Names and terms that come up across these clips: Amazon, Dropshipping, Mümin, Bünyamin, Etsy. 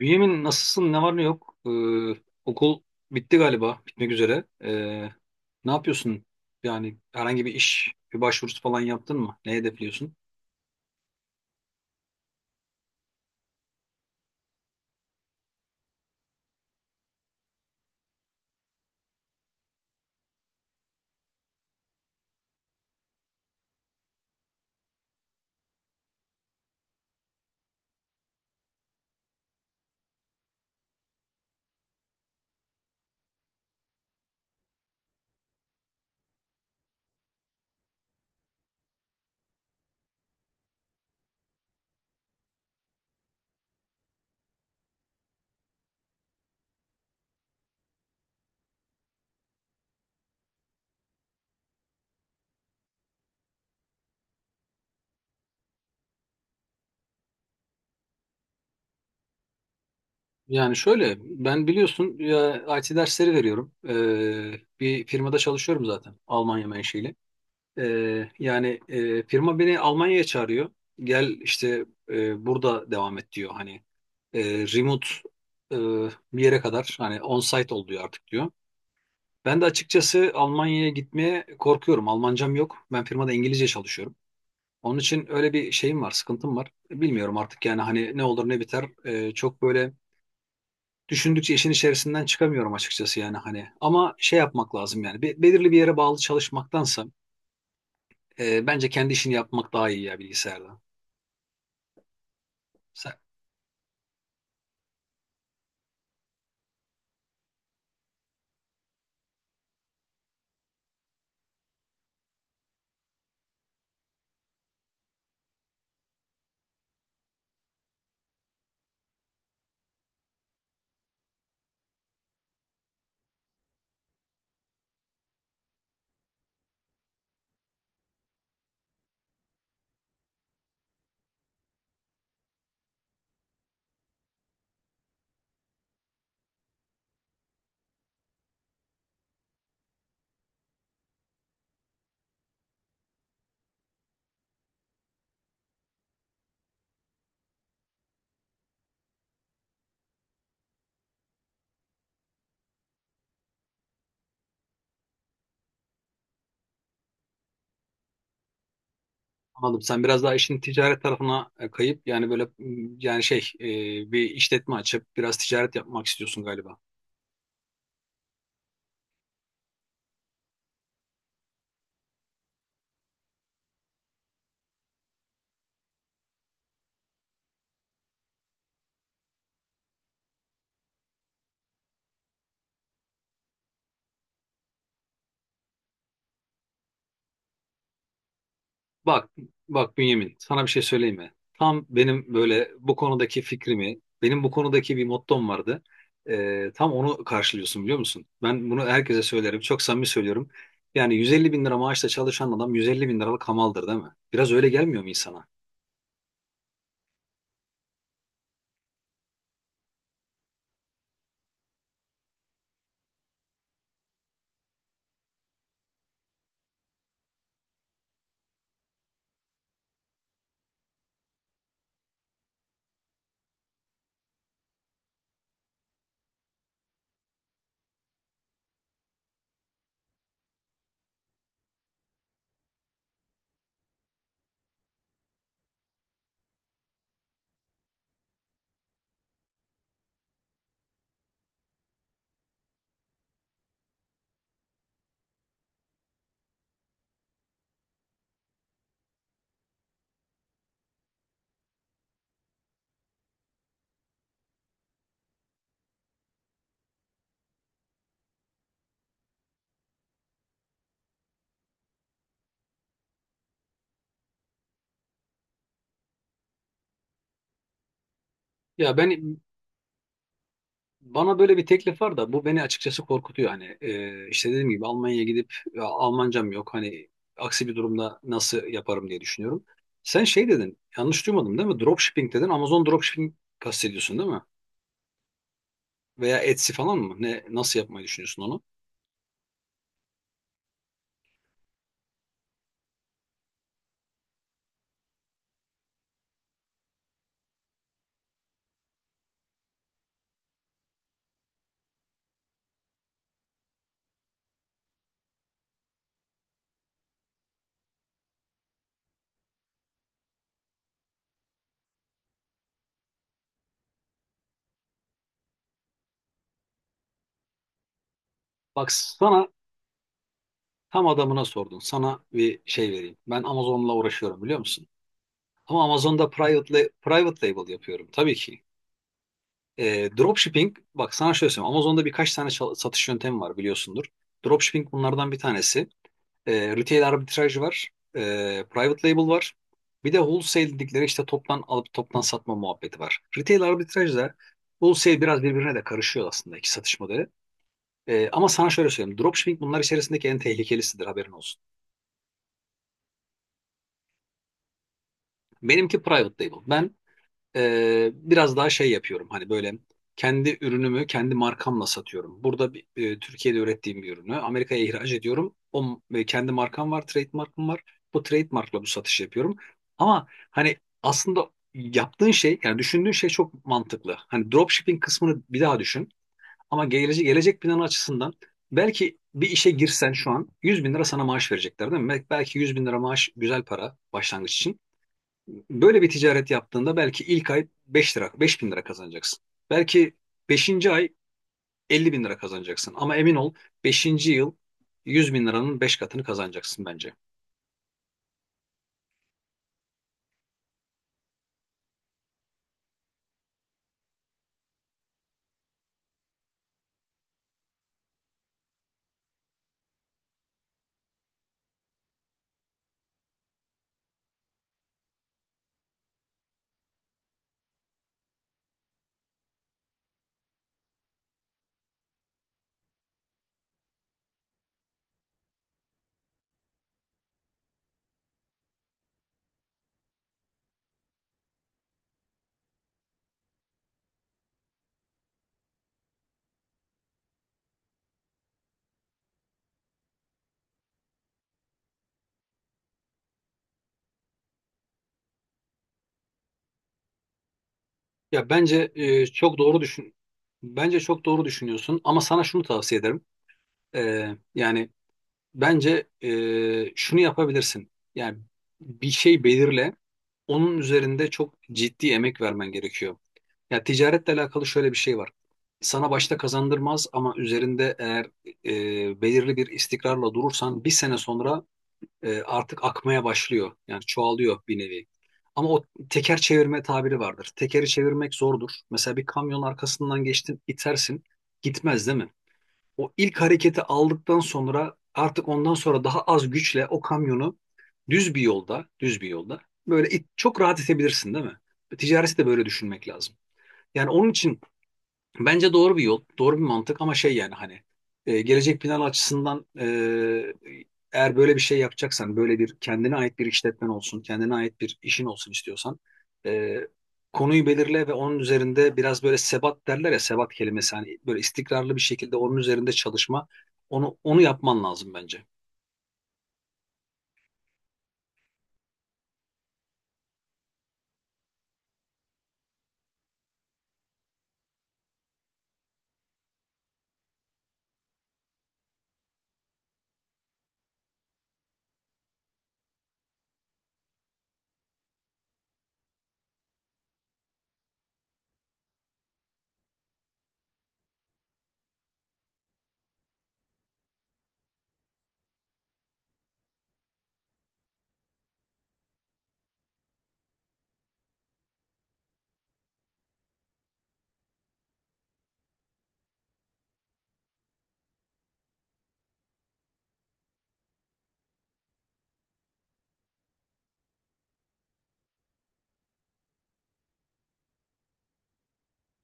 Bünyamin, nasılsın? Ne var ne yok? Okul bitti galiba. Bitmek üzere. Ne yapıyorsun? Yani herhangi bir iş, bir başvurusu falan yaptın mı? Ne hedefliyorsun? Yani şöyle, ben biliyorsun ya, IT dersleri veriyorum. Bir firmada çalışıyorum zaten. Almanya menşeli. Yani firma beni Almanya'ya çağırıyor. Gel işte burada devam et diyor. Hani remote, e, bir yere kadar hani on-site ol diyor artık diyor. Ben de açıkçası Almanya'ya gitmeye korkuyorum. Almancam yok. Ben firmada İngilizce çalışıyorum. Onun için öyle bir şeyim var, sıkıntım var. Bilmiyorum artık yani hani ne olur ne biter. Çok böyle düşündükçe işin içerisinden çıkamıyorum açıkçası yani hani. Ama şey yapmak lazım yani. Belirli bir yere bağlı çalışmaktansa bence kendi işini yapmak daha iyi ya bilgisayarda. Sen, Anladım. Sen biraz daha işin ticaret tarafına kayıp yani yani bir işletme açıp biraz ticaret yapmak istiyorsun galiba. Bak, Bak Bünyamin, sana bir şey söyleyeyim mi? Tam benim böyle bu konudaki benim bu konudaki bir mottom vardı. Tam onu karşılıyorsun biliyor musun? Ben bunu herkese söylerim, çok samimi söylüyorum. Yani 150 bin lira maaşla çalışan adam 150 bin liralık hamaldır, değil mi? Biraz öyle gelmiyor mu insana? Ya ben Bana böyle bir teklif var da bu beni açıkçası korkutuyor. Hani işte dediğim gibi Almanya'ya gidip ya Almancam yok. Hani aksi bir durumda nasıl yaparım diye düşünüyorum. Sen şey dedin, yanlış duymadım değil mi? Dropshipping dedin. Amazon dropshipping kastediyorsun değil mi? Veya Etsy falan mı? Nasıl yapmayı düşünüyorsun onu? Bak, sana tam adamına sordun. Sana bir şey vereyim. Ben Amazon'la uğraşıyorum biliyor musun? Ama Amazon'da private label yapıyorum tabii ki. Dropshipping, bak sana şöyle söyleyeyim. Amazon'da birkaç tane satış yöntemi var biliyorsundur. Dropshipping bunlardan bir tanesi. Retail arbitraj var. E, Private label var. Bir de wholesale dedikleri işte toptan alıp toptan satma muhabbeti var. Retail arbitraj da wholesale biraz birbirine de karışıyor aslında, iki satış modeli. Ama sana şöyle söyleyeyim. Dropshipping bunlar içerisindeki en tehlikelisidir, haberin olsun. Benimki private label. Ben Biraz daha şey yapıyorum hani böyle kendi ürünümü kendi markamla satıyorum. Burada Türkiye'de ürettiğim bir ürünü Amerika'ya ihraç ediyorum. O kendi markam var, trademark'ım var. Bu trademark'la bu satışı yapıyorum. Ama hani aslında yaptığın şey yani düşündüğün şey çok mantıklı. Hani dropshipping kısmını bir daha düşün. Ama gelecek planı açısından belki bir işe girsen şu an 100 bin lira sana maaş verecekler, değil mi? Belki 100 bin lira maaş güzel para başlangıç için. Böyle bir ticaret yaptığında belki ilk ay 5 lira, 5 bin lira kazanacaksın. Belki beşinci ay 50 bin lira kazanacaksın. Ama emin ol, beşinci yıl 100 bin liranın 5 katını kazanacaksın bence. Ya bence çok doğru düşün. Bence çok doğru düşünüyorsun ama sana şunu tavsiye ederim. Yani bence şunu yapabilirsin. Yani bir şey belirle, onun üzerinde çok ciddi emek vermen gerekiyor. Ya ticaretle alakalı şöyle bir şey var. Sana başta kazandırmaz ama üzerinde eğer belirli bir istikrarla durursan bir sene sonra artık akmaya başlıyor. Yani çoğalıyor bir nevi. Ama o teker çevirme tabiri vardır. Tekeri çevirmek zordur. Mesela bir kamyonun arkasından geçtin, itersin, gitmez değil mi? O ilk hareketi aldıktan sonra artık ondan sonra daha az güçle o kamyonu düz bir yolda böyle it, çok rahat itebilirsin değil mi? Ticareti de böyle düşünmek lazım. Yani onun için bence doğru bir yol, doğru bir mantık ama şey yani hani gelecek planı açısından eğer böyle bir şey yapacaksan, böyle bir kendine ait bir işletmen olsun, kendine ait bir işin olsun istiyorsan e, konuyu belirle ve onun üzerinde biraz böyle sebat derler ya sebat kelimesi hani böyle istikrarlı bir şekilde onun üzerinde çalışma, onu yapman lazım bence.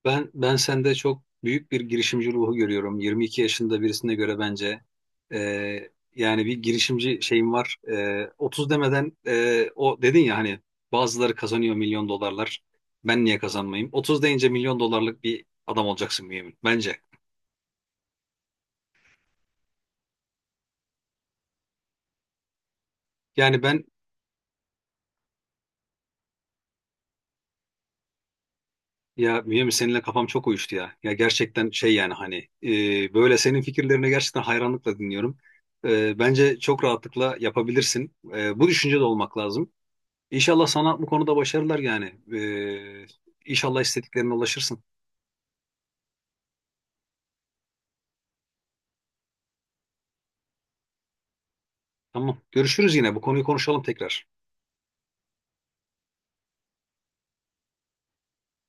Ben sende çok büyük bir girişimci ruhu görüyorum. 22 yaşında birisine göre bence yani bir girişimci şeyim var. 30 demeden o dedin ya hani bazıları kazanıyor milyon dolarlar. Ben niye kazanmayayım? 30 deyince milyon dolarlık bir adam olacaksın Mümin bence. Yani ben ya Mümin, seninle kafam çok uyuştu ya. Ya gerçekten şey yani hani böyle senin fikirlerini gerçekten hayranlıkla dinliyorum. Bence çok rahatlıkla yapabilirsin. Bu düşüncede olmak lazım. İnşallah sana bu konuda başarılar yani. Ee, inşallah istediklerine ulaşırsın. Tamam. Görüşürüz yine. Bu konuyu konuşalım tekrar.